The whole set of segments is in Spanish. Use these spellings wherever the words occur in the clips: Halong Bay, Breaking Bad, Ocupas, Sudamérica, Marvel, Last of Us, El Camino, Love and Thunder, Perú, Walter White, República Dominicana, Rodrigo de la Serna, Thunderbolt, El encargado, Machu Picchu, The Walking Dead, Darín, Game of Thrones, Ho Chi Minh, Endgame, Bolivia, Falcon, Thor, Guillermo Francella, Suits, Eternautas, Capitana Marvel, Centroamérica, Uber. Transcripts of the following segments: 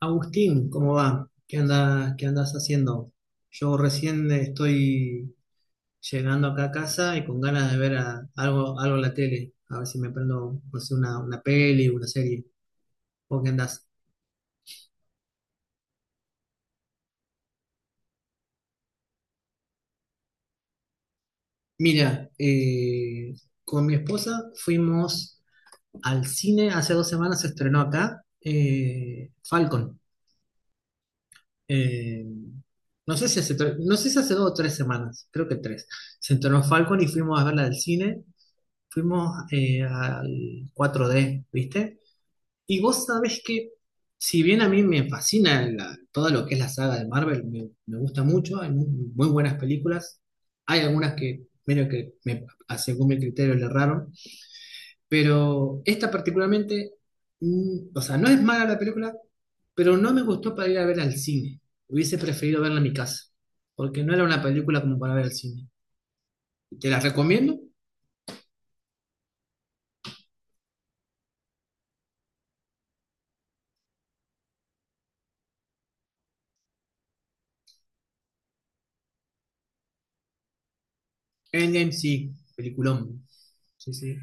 Agustín, ¿cómo va? ¿Qué andas haciendo? Yo recién estoy llegando acá a casa y con ganas de ver algo, algo en la tele. A ver si me prendo, no sé, una peli, una serie. ¿Vos qué andás? Mira, con mi esposa fuimos al cine. Hace dos semanas se estrenó acá Falcon. Eh, no sé si hace, no sé si hace dos o tres semanas, creo que tres. Se estrenó Falcon y fuimos a verla al cine. Fuimos al cuatro d, ¿viste? Y vos sabés que, si bien a mí me fascina todo lo que es la saga de Marvel, me gusta mucho, hay muy buenas películas, hay algunas que, medio que me, según mi criterio le erraron, pero esta particularmente, o sea, no es mala la película, pero no me gustó para ir a ver al cine. Hubiese preferido verla en mi casa, porque no era una película como para ver al cine. Te la recomiendo. Endgame sí, peliculón. Sí, sí.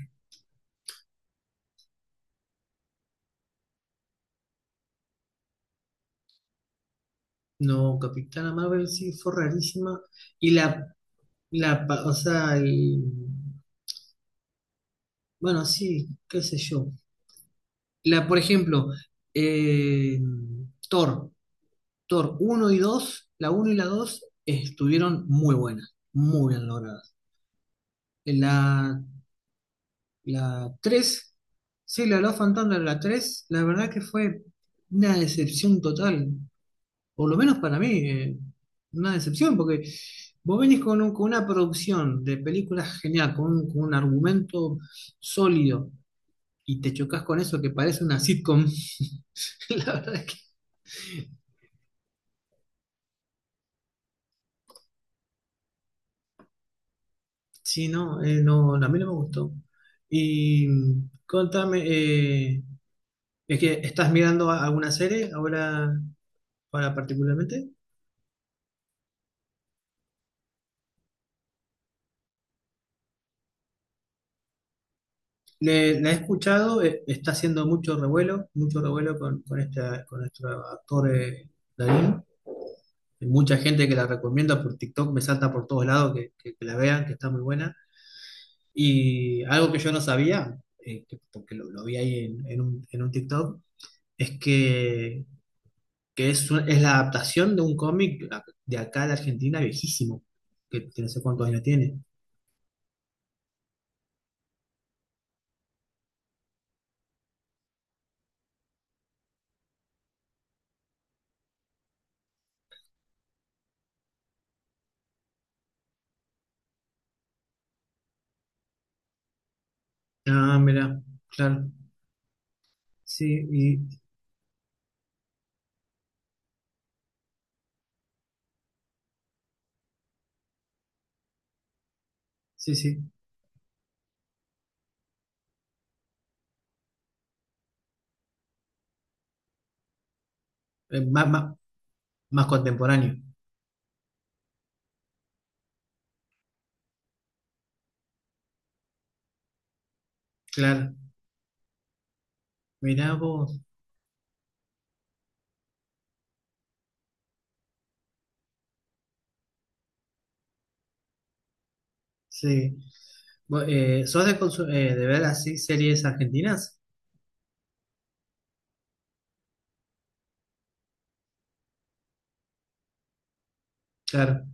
No, Capitana Marvel sí fue rarísima. Y la, o sea, bueno, sí, qué sé yo. La, por ejemplo, eh, Thor, Thor uno y dos, la uno y la 2 estuvieron muy buenas, muy bien logradas. La, la 3 sí, la Love and Thunder, la 3 la verdad que fue una decepción total. Por lo menos para mí, una decepción, porque vos venís con, con una producción de películas genial, con un argumento sólido, y te chocas con eso que parece una sitcom. La verdad es que sí, no, no, a mí no me gustó. Y contame, es que estás mirando alguna serie ahora, ahora particularmente. La he escuchado, está haciendo mucho revuelo esta, con nuestro actor Darín. Hay mucha gente que la recomienda por TikTok, me salta por todos lados que, que la vean, que está muy buena. Y algo que yo no sabía, porque lo vi ahí en un TikTok, es que es, es la adaptación de un cómic de acá de Argentina viejísimo, que no sé cuántos años tiene. Ah, mira, claro. Sí, y, sí, sí. Eh, más, más, más contemporáneo. Claro. Mirá vos. Sí. Vos, ¿sos de, de ver así series argentinas? Claro.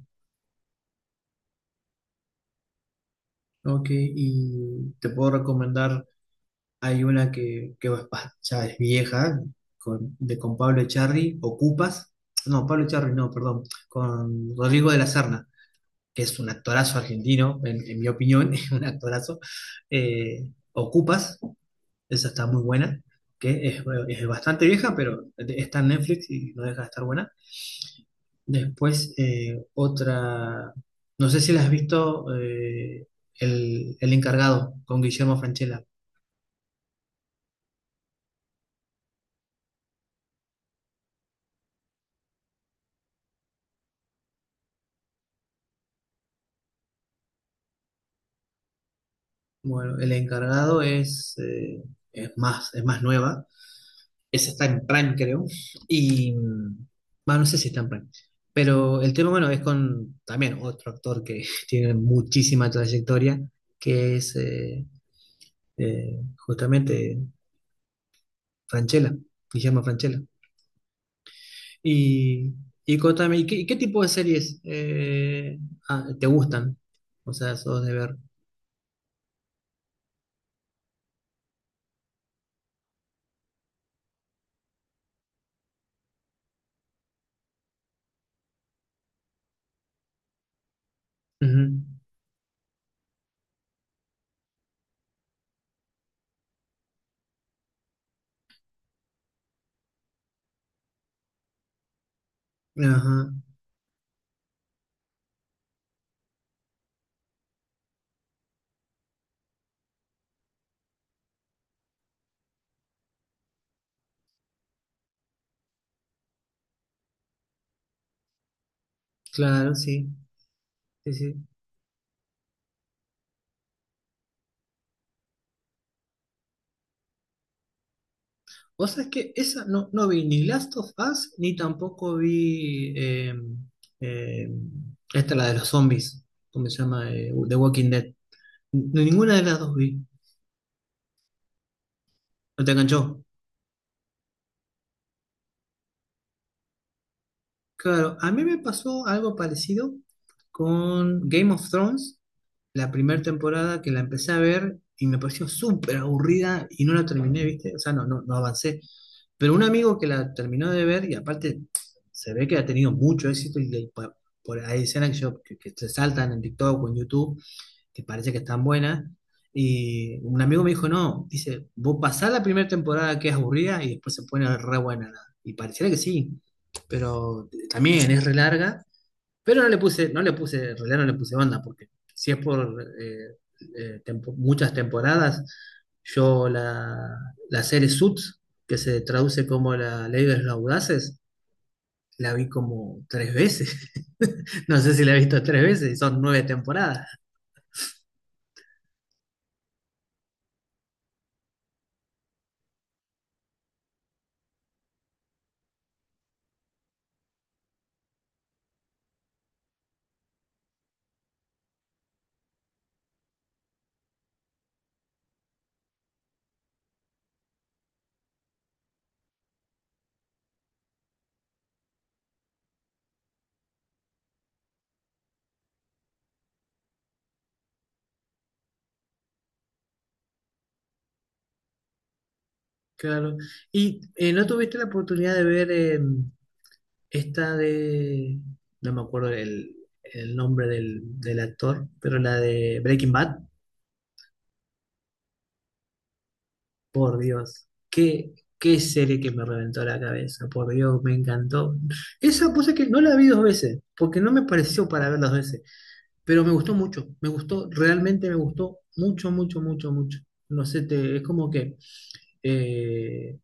Ok, y te puedo recomendar, hay una que, ya es vieja, con, de, con Pablo Echarri, Ocupas, no, Pablo Echarri, no, perdón, con Rodrigo de la Serna, que es un actorazo argentino, en mi opinión, es un actorazo. Eh, Ocupas, esa está muy buena, que es bastante vieja, pero está en Netflix y no deja de estar buena. Después, otra, no sé si la has visto, El encargado con Guillermo Francella. Bueno, El encargado es, es más nueva. Esa está en Prime, creo. Y, mm, bueno, no sé si está en Prime. Pero el tema, bueno, es con también otro actor que tiene muchísima trayectoria, que es justamente Francella, Guillermo Francella. Y, y contame, y qué tipo de series te gustan? O sea, sos de ver. Ujú. Ajá, claro, sí, sí, sí. O sea, es que esa no, no vi ni Last of Us, ni tampoco vi eh, esta, la de los zombies, ¿cómo se llama? The Walking Dead. Ninguna de las dos vi. ¿No te enganchó? Claro, a mí me pasó algo parecido con Game of Thrones, la primera temporada que la empecé a ver y me pareció súper aburrida y no la terminé, ¿viste? O sea, no, no, no avancé. Pero un amigo que la terminó de ver y aparte se ve que ha tenido mucho éxito y, hay escenas que, que se saltan en TikTok o en YouTube que parece que están buenas. Y un amigo me dijo, no, dice, vos pasás la primera temporada que es aburrida y después se pone re buena. ¿No? Y pareciera que sí, pero también es re larga. Pero no le puse, no le puse, en realidad no le puse banda, porque si es por muchas temporadas, yo la, la serie Suits, que se traduce como la ley de los audaces, la vi como tres veces. No sé si la he visto tres veces y son nueve temporadas. Claro. ¿Y no tuviste la oportunidad de ver esta de, no me acuerdo el nombre del actor, pero la de Breaking Bad? Por Dios, qué serie que me reventó la cabeza, por Dios, me encantó. Esa cosa que no la vi dos veces, porque no me pareció para ver dos veces, pero me gustó mucho, me gustó, realmente me gustó mucho, mucho, mucho, mucho. No sé, es como que... eh,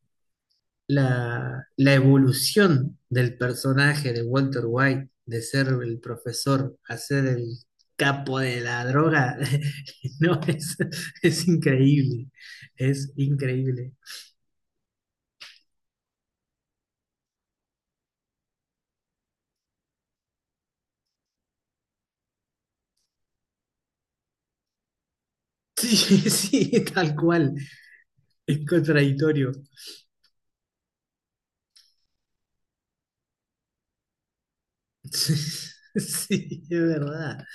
la evolución del personaje de Walter White, de ser el profesor a ser el capo de la droga, no, es increíble, es increíble. Sí, sí, tal cual, es contradictorio. Sí, es verdad,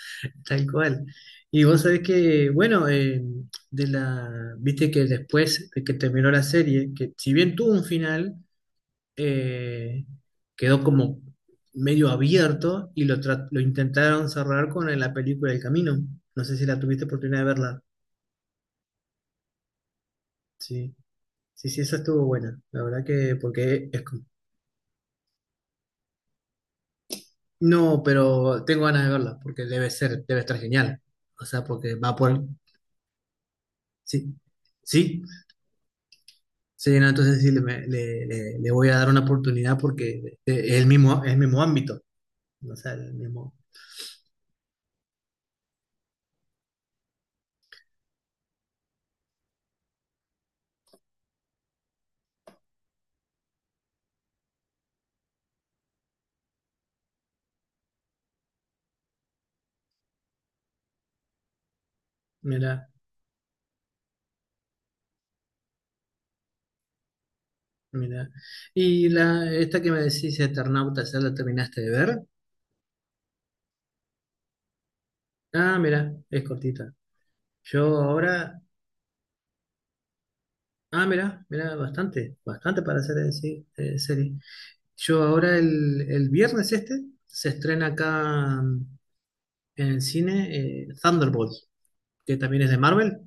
tal cual. Y vos sabés que, bueno, de la, viste que después de que terminó la serie, que si bien tuvo un final, eh, quedó como medio abierto y lo intentaron cerrar con la película El Camino. No sé si la tuviste oportunidad de verla. Sí, sí, sí, esa estuvo buena. La verdad que, porque es como... No, pero tengo ganas de verla, porque debe ser, debe estar genial. O sea, porque va por... Sí, sí, sí, no, entonces sí, le, me- le- le- le voy a dar una oportunidad porque es el mismo ámbito. O sea, el mismo... Mira. Mira. Y la, esta que me decís, Eternautas, ¿ya la terminaste de ver? Ah, mira, es cortita. Yo ahora, ah, mira, mira, bastante, bastante para hacer sí, serie. Yo ahora el viernes este se estrena acá en el cine Thunderbolt, que también es de Marvel,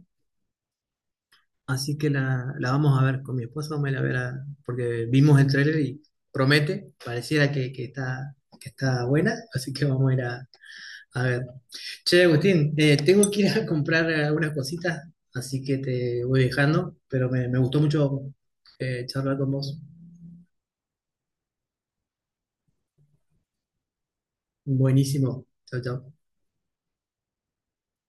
así que la vamos a ver con mi esposa, vamos a ir a ver porque vimos el tráiler y promete, pareciera que está buena, así que vamos a ir a. A ver. Che, Agustín, tengo que ir a comprar algunas cositas, así que te voy dejando, pero me gustó mucho charlar con vos. Buenísimo. Chao, chao.